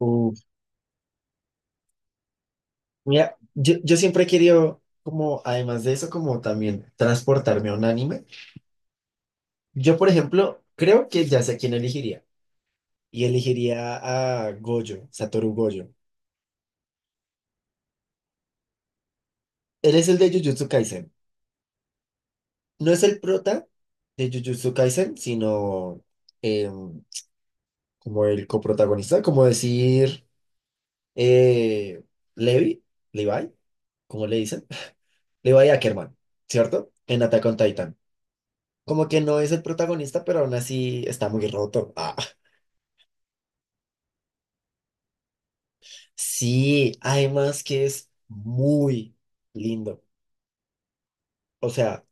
Uf, mira, yo siempre he querido, como, además de eso, como también transportarme a un anime. Yo, por ejemplo, creo que ya sé quién elegiría. Y elegiría a Gojo, Satoru Gojo. Él es el de Jujutsu Kaisen. No es el prota de Jujutsu Kaisen, sino em, como el coprotagonista, como decir eh, Levi, Levi, como le dicen? Levi Ackerman, ¿cierto? En Attack on Titan. Como que no es el protagonista, pero aún así está muy roto. Ah, sí, además que es muy lindo. O sea,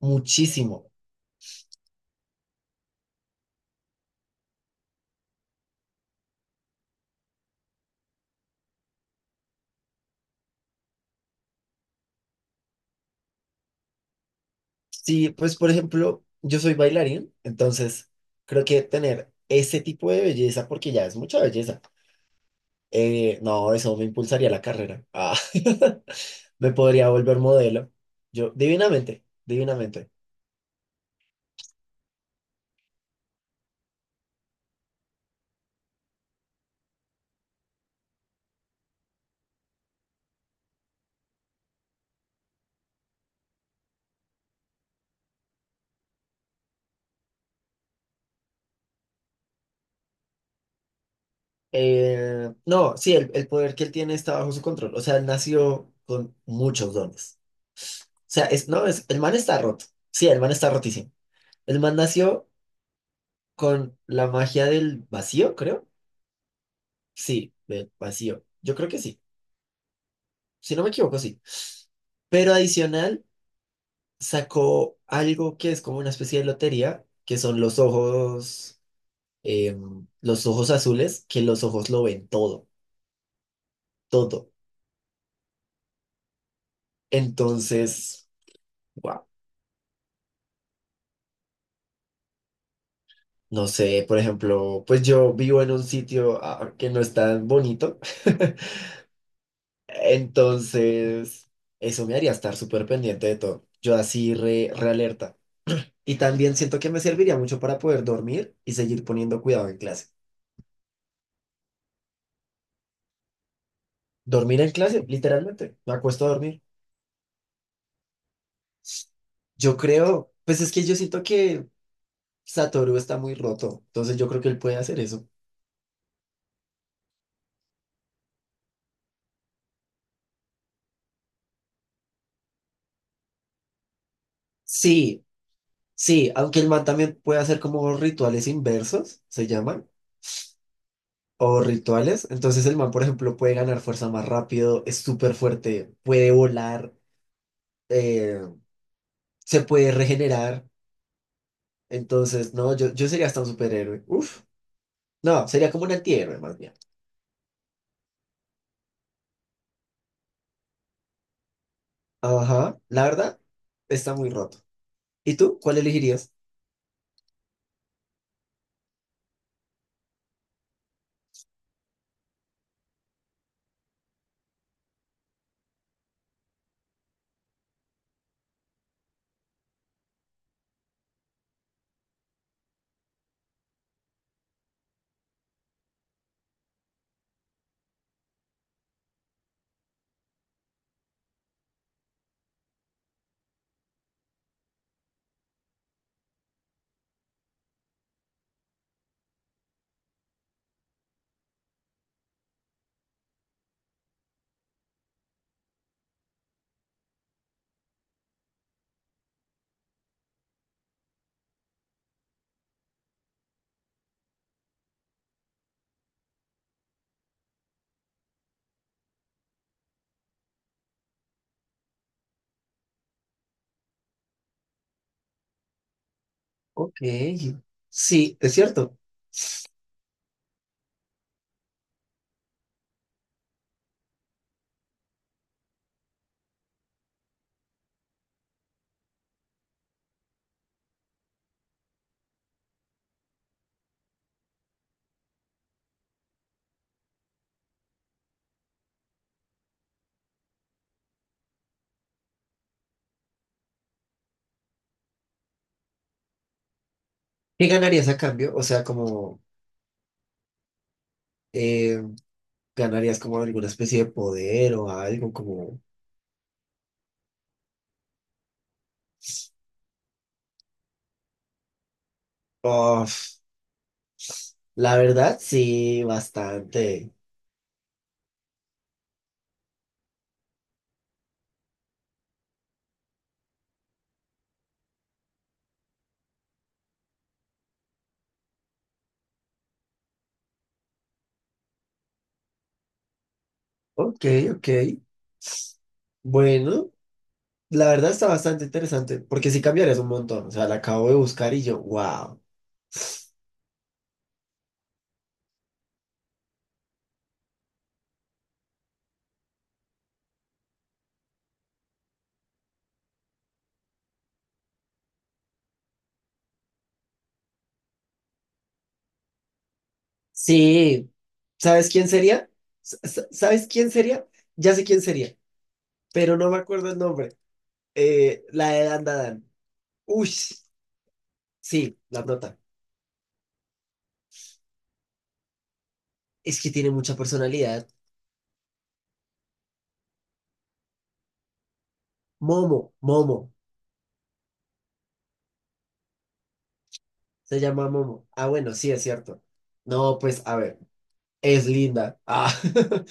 muchísimo. Sí, pues por ejemplo, yo soy bailarín, entonces creo que tener ese tipo de belleza, porque ya es mucha belleza, no, eso me impulsaría la carrera. Ah, me podría volver modelo. Yo, divinamente, divinamente. No, sí, el poder que él tiene está bajo su control. O sea, él nació con muchos dones. Sea, es, no, es, el man está roto. Sí, el man está rotísimo. El man nació con la magia del vacío, creo. Sí, del vacío. Yo creo que sí. Si no me equivoco, sí. Pero adicional, sacó algo que es como una especie de lotería, que son los ojos, los ojos azules, que los ojos lo ven todo, todo. Entonces, wow, no sé, por ejemplo, pues yo vivo en un sitio que no es tan bonito. Entonces, eso me haría estar súper pendiente de todo. Yo así re, re alerta. Y también siento que me serviría mucho para poder dormir y seguir poniendo cuidado en clase. Dormir en clase, literalmente. Me acuesto a dormir. Yo creo, pues es que yo siento que Satoru está muy roto. Entonces yo creo que él puede hacer eso. Sí, sí, aunque el man también puede hacer como rituales inversos, se llaman, o rituales. Entonces el man, por ejemplo, puede ganar fuerza más rápido, es súper fuerte, puede volar. eh, Se puede regenerar. Entonces, no, yo sería hasta un superhéroe. Uf, no, sería como un antihéroe más bien. Ajá, la verdad, está muy roto. ¿Y tú? ¿Cuál elegirías? Ok, sí, es cierto. ¿Qué ganarías a cambio? O sea, como eh, ¿ganarías como alguna especie de poder o algo como...? Uf, la verdad, sí, bastante. Ok, ok. Bueno, la verdad está bastante interesante porque sí cambiarías un montón. O sea, la acabo de buscar y yo, wow. Sí, ¿sabes quién sería? ¿Sabes quién sería? Ya sé quién sería, pero no me acuerdo el nombre. La de Dan Dan. Uy, sí, la nota. Es que tiene mucha personalidad. Momo, se llama Momo. Ah, bueno, sí, es cierto. No, pues, a ver, es linda. Ah,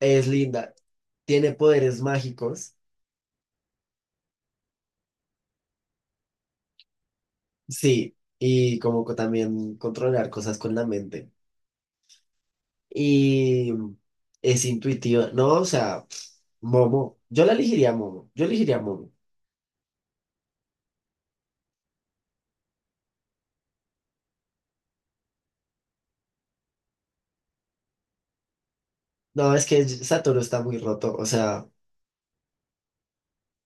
es linda. Tiene poderes mágicos. Sí, y como también controlar cosas con la mente. Y es intuitiva. No, o sea, Momo. Yo la elegiría Momo. Yo elegiría Momo. No, es que Satoru está muy roto. O sea,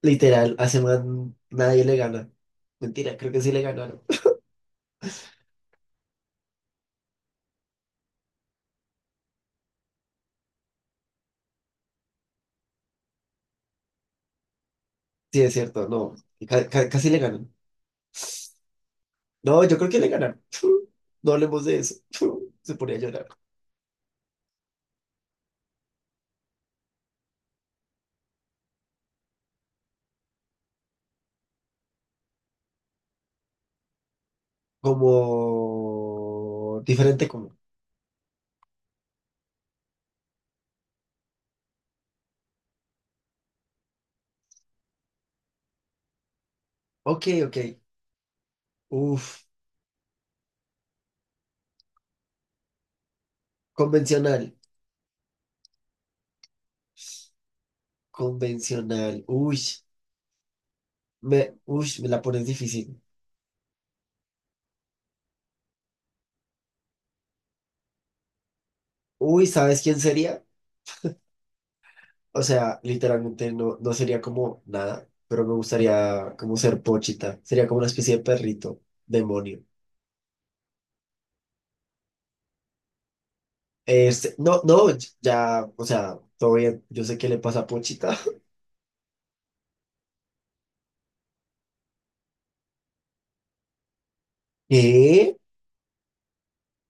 literal, hace más nadie le gana. Mentira, creo que sí le ganaron. Sí, es cierto, no. Casi le ganan. No, yo creo que le ganan. No hablemos de eso. Se ponía a llorar. ¿Como diferente como. Ok, ok. Uf, convencional. Convencional. Uy, me la pones difícil. Uy, ¿sabes quién sería? O sea, literalmente no sería como nada, pero me gustaría como ser Pochita. Sería como una especie de perrito, demonio. Este, no, no, ya, o sea, todo bien. Yo sé qué le pasa a Pochita. ¿Qué?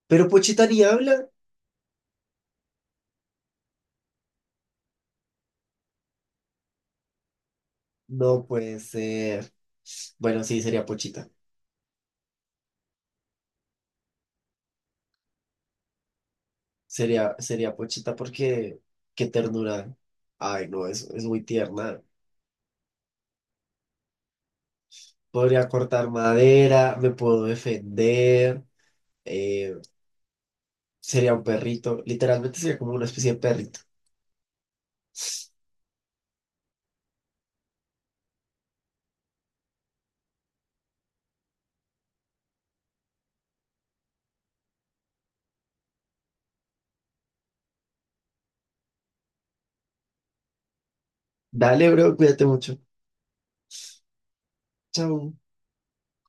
¿Pero Pochita ni habla? No puede ser. Bueno, sí, sería Pochita. Sería Pochita porque qué ternura. Ay, no, es muy tierna. Podría cortar madera, me puedo defender. eh, Sería un perrito. Literalmente sería como una especie de perrito. Dale, bro, cuídate mucho. Chao.